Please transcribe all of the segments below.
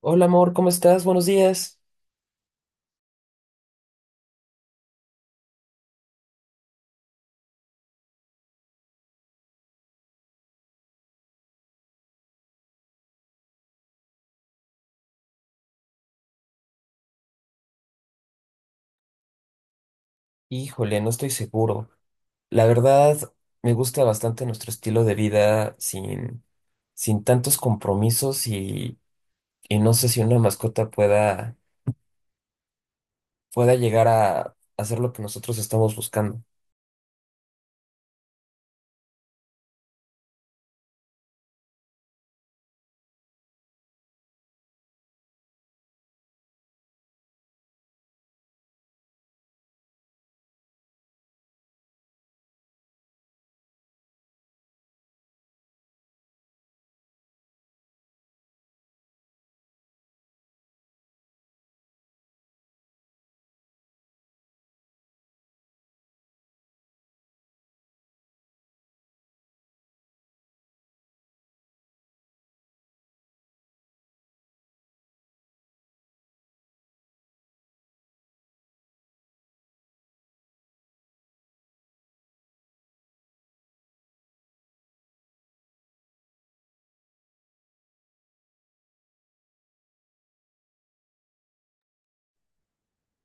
Hola, amor, ¿cómo estás? Buenos días. Híjole, no estoy seguro. La verdad, me gusta bastante nuestro estilo de vida sin tantos compromisos y no sé si una mascota pueda llegar a hacer lo que nosotros estamos buscando.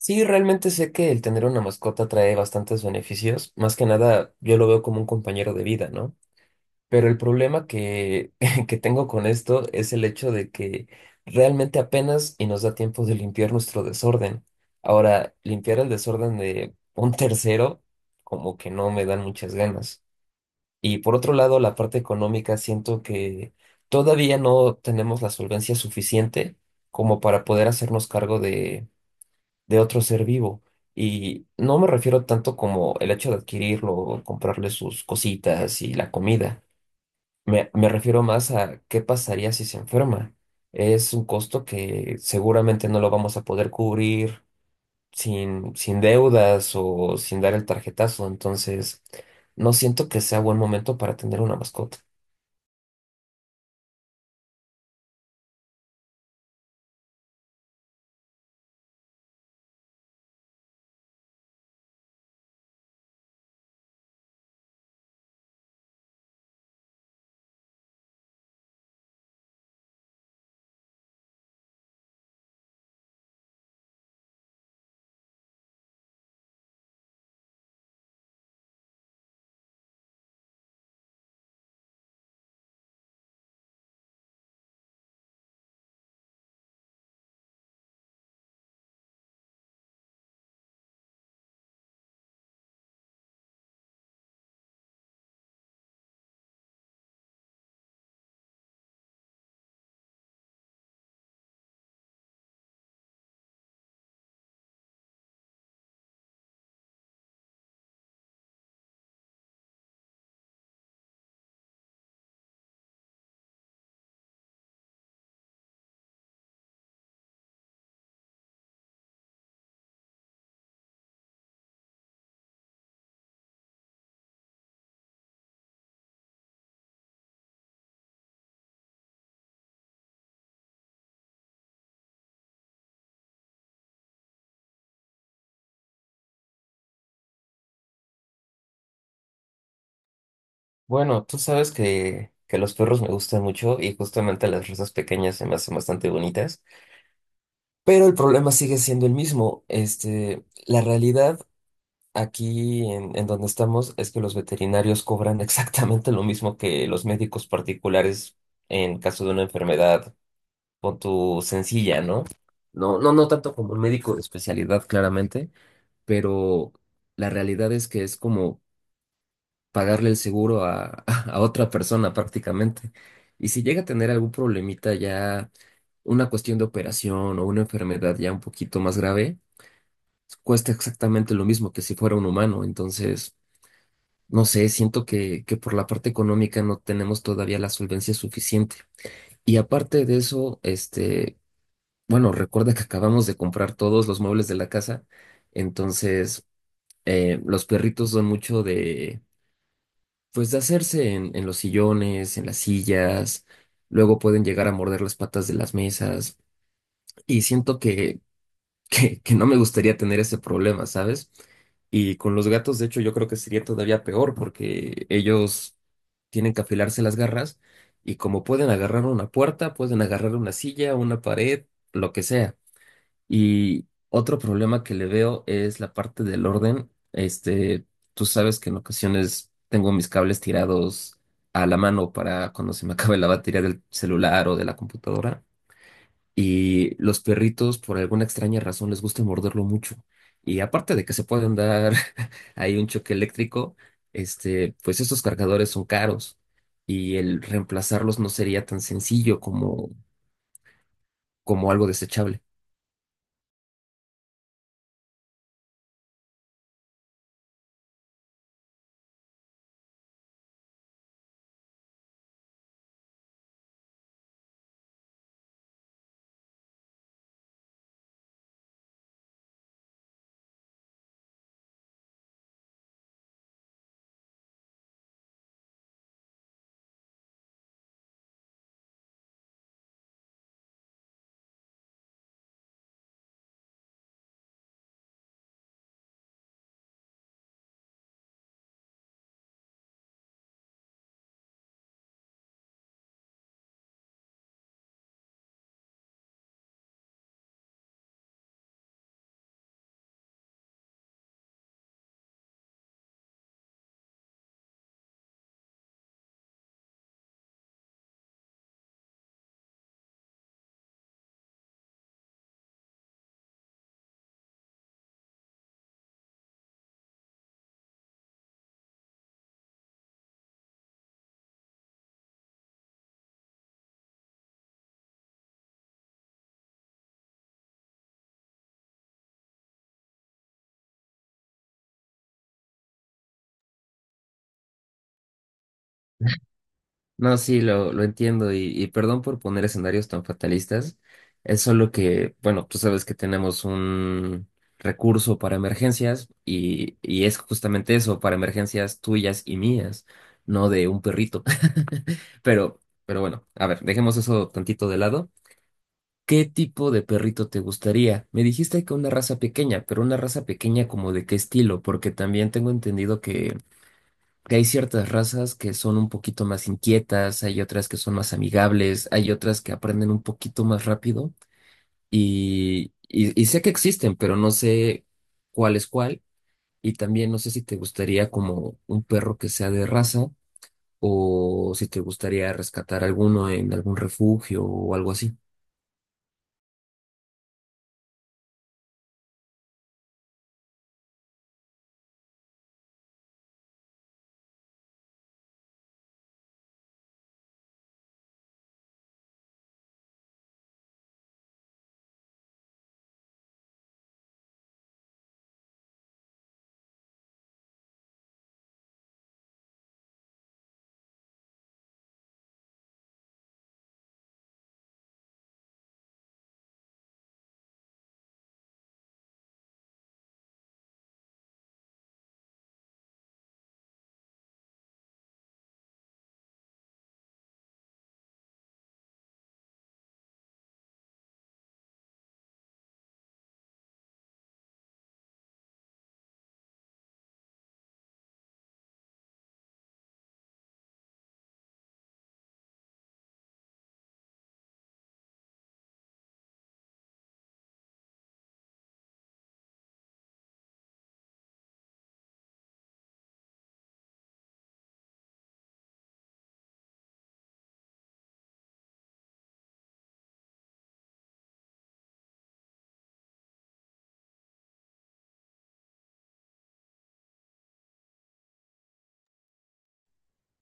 Sí, realmente sé que el tener una mascota trae bastantes beneficios. Más que nada, yo lo veo como un compañero de vida, ¿no? Pero el problema que tengo con esto es el hecho de que realmente apenas y nos da tiempo de limpiar nuestro desorden. Ahora, limpiar el desorden de un tercero, como que no me dan muchas ganas. Y por otro lado, la parte económica, siento que todavía no tenemos la solvencia suficiente como para poder hacernos cargo de otro ser vivo. Y no me refiero tanto como el hecho de adquirirlo, comprarle sus cositas y la comida me refiero más a qué pasaría si se enferma. Es un costo que seguramente no lo vamos a poder cubrir sin deudas o sin dar el tarjetazo. Entonces, no siento que sea buen momento para tener una mascota. Bueno, tú sabes que los perros me gustan mucho y justamente las razas pequeñas se me hacen bastante bonitas. Pero el problema sigue siendo el mismo. Este, la realidad aquí en donde estamos es que los veterinarios cobran exactamente lo mismo que los médicos particulares en caso de una enfermedad con tu sencilla, ¿no? No, no, no tanto como un médico de especialidad, claramente, pero la realidad es que es como pagarle el seguro a otra persona prácticamente. Y si llega a tener algún problemita ya, una cuestión de operación o una enfermedad ya un poquito más grave, cuesta exactamente lo mismo que si fuera un humano, entonces, no sé, siento que por la parte económica no tenemos todavía la solvencia suficiente. Y aparte de eso, este, bueno, recuerda que acabamos de comprar todos los muebles de la casa, entonces los perritos son mucho de, pues de hacerse en los sillones, en las sillas, luego pueden llegar a morder las patas de las mesas. Y siento que que no me gustaría tener ese problema, ¿sabes? Y con los gatos, de hecho, yo creo que sería todavía peor porque ellos tienen que afilarse las garras y como pueden agarrar una puerta, pueden agarrar una silla, una pared, lo que sea. Y otro problema que le veo es la parte del orden. Este, tú sabes que en ocasiones tengo mis cables tirados a la mano para cuando se me acabe la batería del celular o de la computadora. Y los perritos, por alguna extraña razón, les gusta morderlo mucho. Y aparte de que se pueden dar ahí un choque eléctrico, este, pues estos cargadores son caros y el reemplazarlos no sería tan sencillo como, como algo desechable. No, sí, lo entiendo y perdón por poner escenarios tan fatalistas. Es solo que, bueno, tú sabes que tenemos un recurso para emergencias y es justamente eso, para emergencias tuyas y mías, no de un perrito. Pero, pero bueno, a ver, dejemos eso tantito de lado. ¿Qué tipo de perrito te gustaría? Me dijiste que una raza pequeña, pero una raza pequeña como de qué estilo, porque también tengo entendido que hay ciertas razas que son un poquito más inquietas, hay otras que son más amigables, hay otras que aprenden un poquito más rápido y sé que existen, pero no sé cuál es cuál y también no sé si te gustaría como un perro que sea de raza o si te gustaría rescatar alguno en algún refugio o algo así.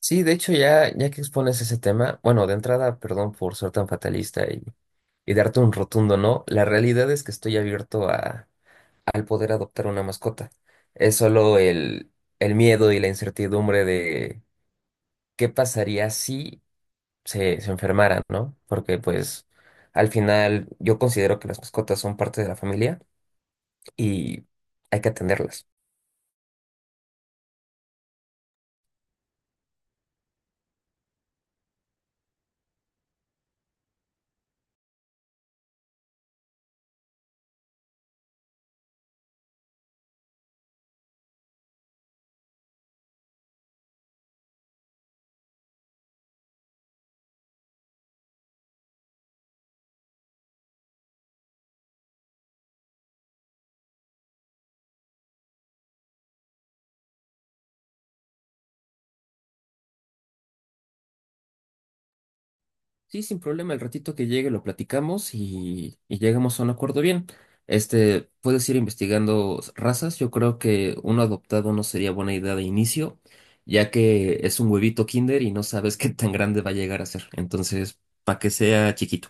Sí, de hecho, ya que expones ese tema, bueno, de entrada, perdón por ser tan fatalista y darte un rotundo no, la realidad es que estoy abierto a al poder adoptar una mascota. Es solo el miedo y la incertidumbre de qué pasaría si se enfermaran, ¿no? Porque pues al final yo considero que las mascotas son parte de la familia y hay que atenderlas. Sí, sin problema, el ratito que llegue lo platicamos y llegamos a un acuerdo bien. Este, puedes ir investigando razas. Yo creo que uno adoptado no sería buena idea de inicio, ya que es un huevito kinder y no sabes qué tan grande va a llegar a ser. Entonces, para que sea chiquito.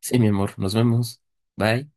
Sí, mi amor, nos vemos. Bye.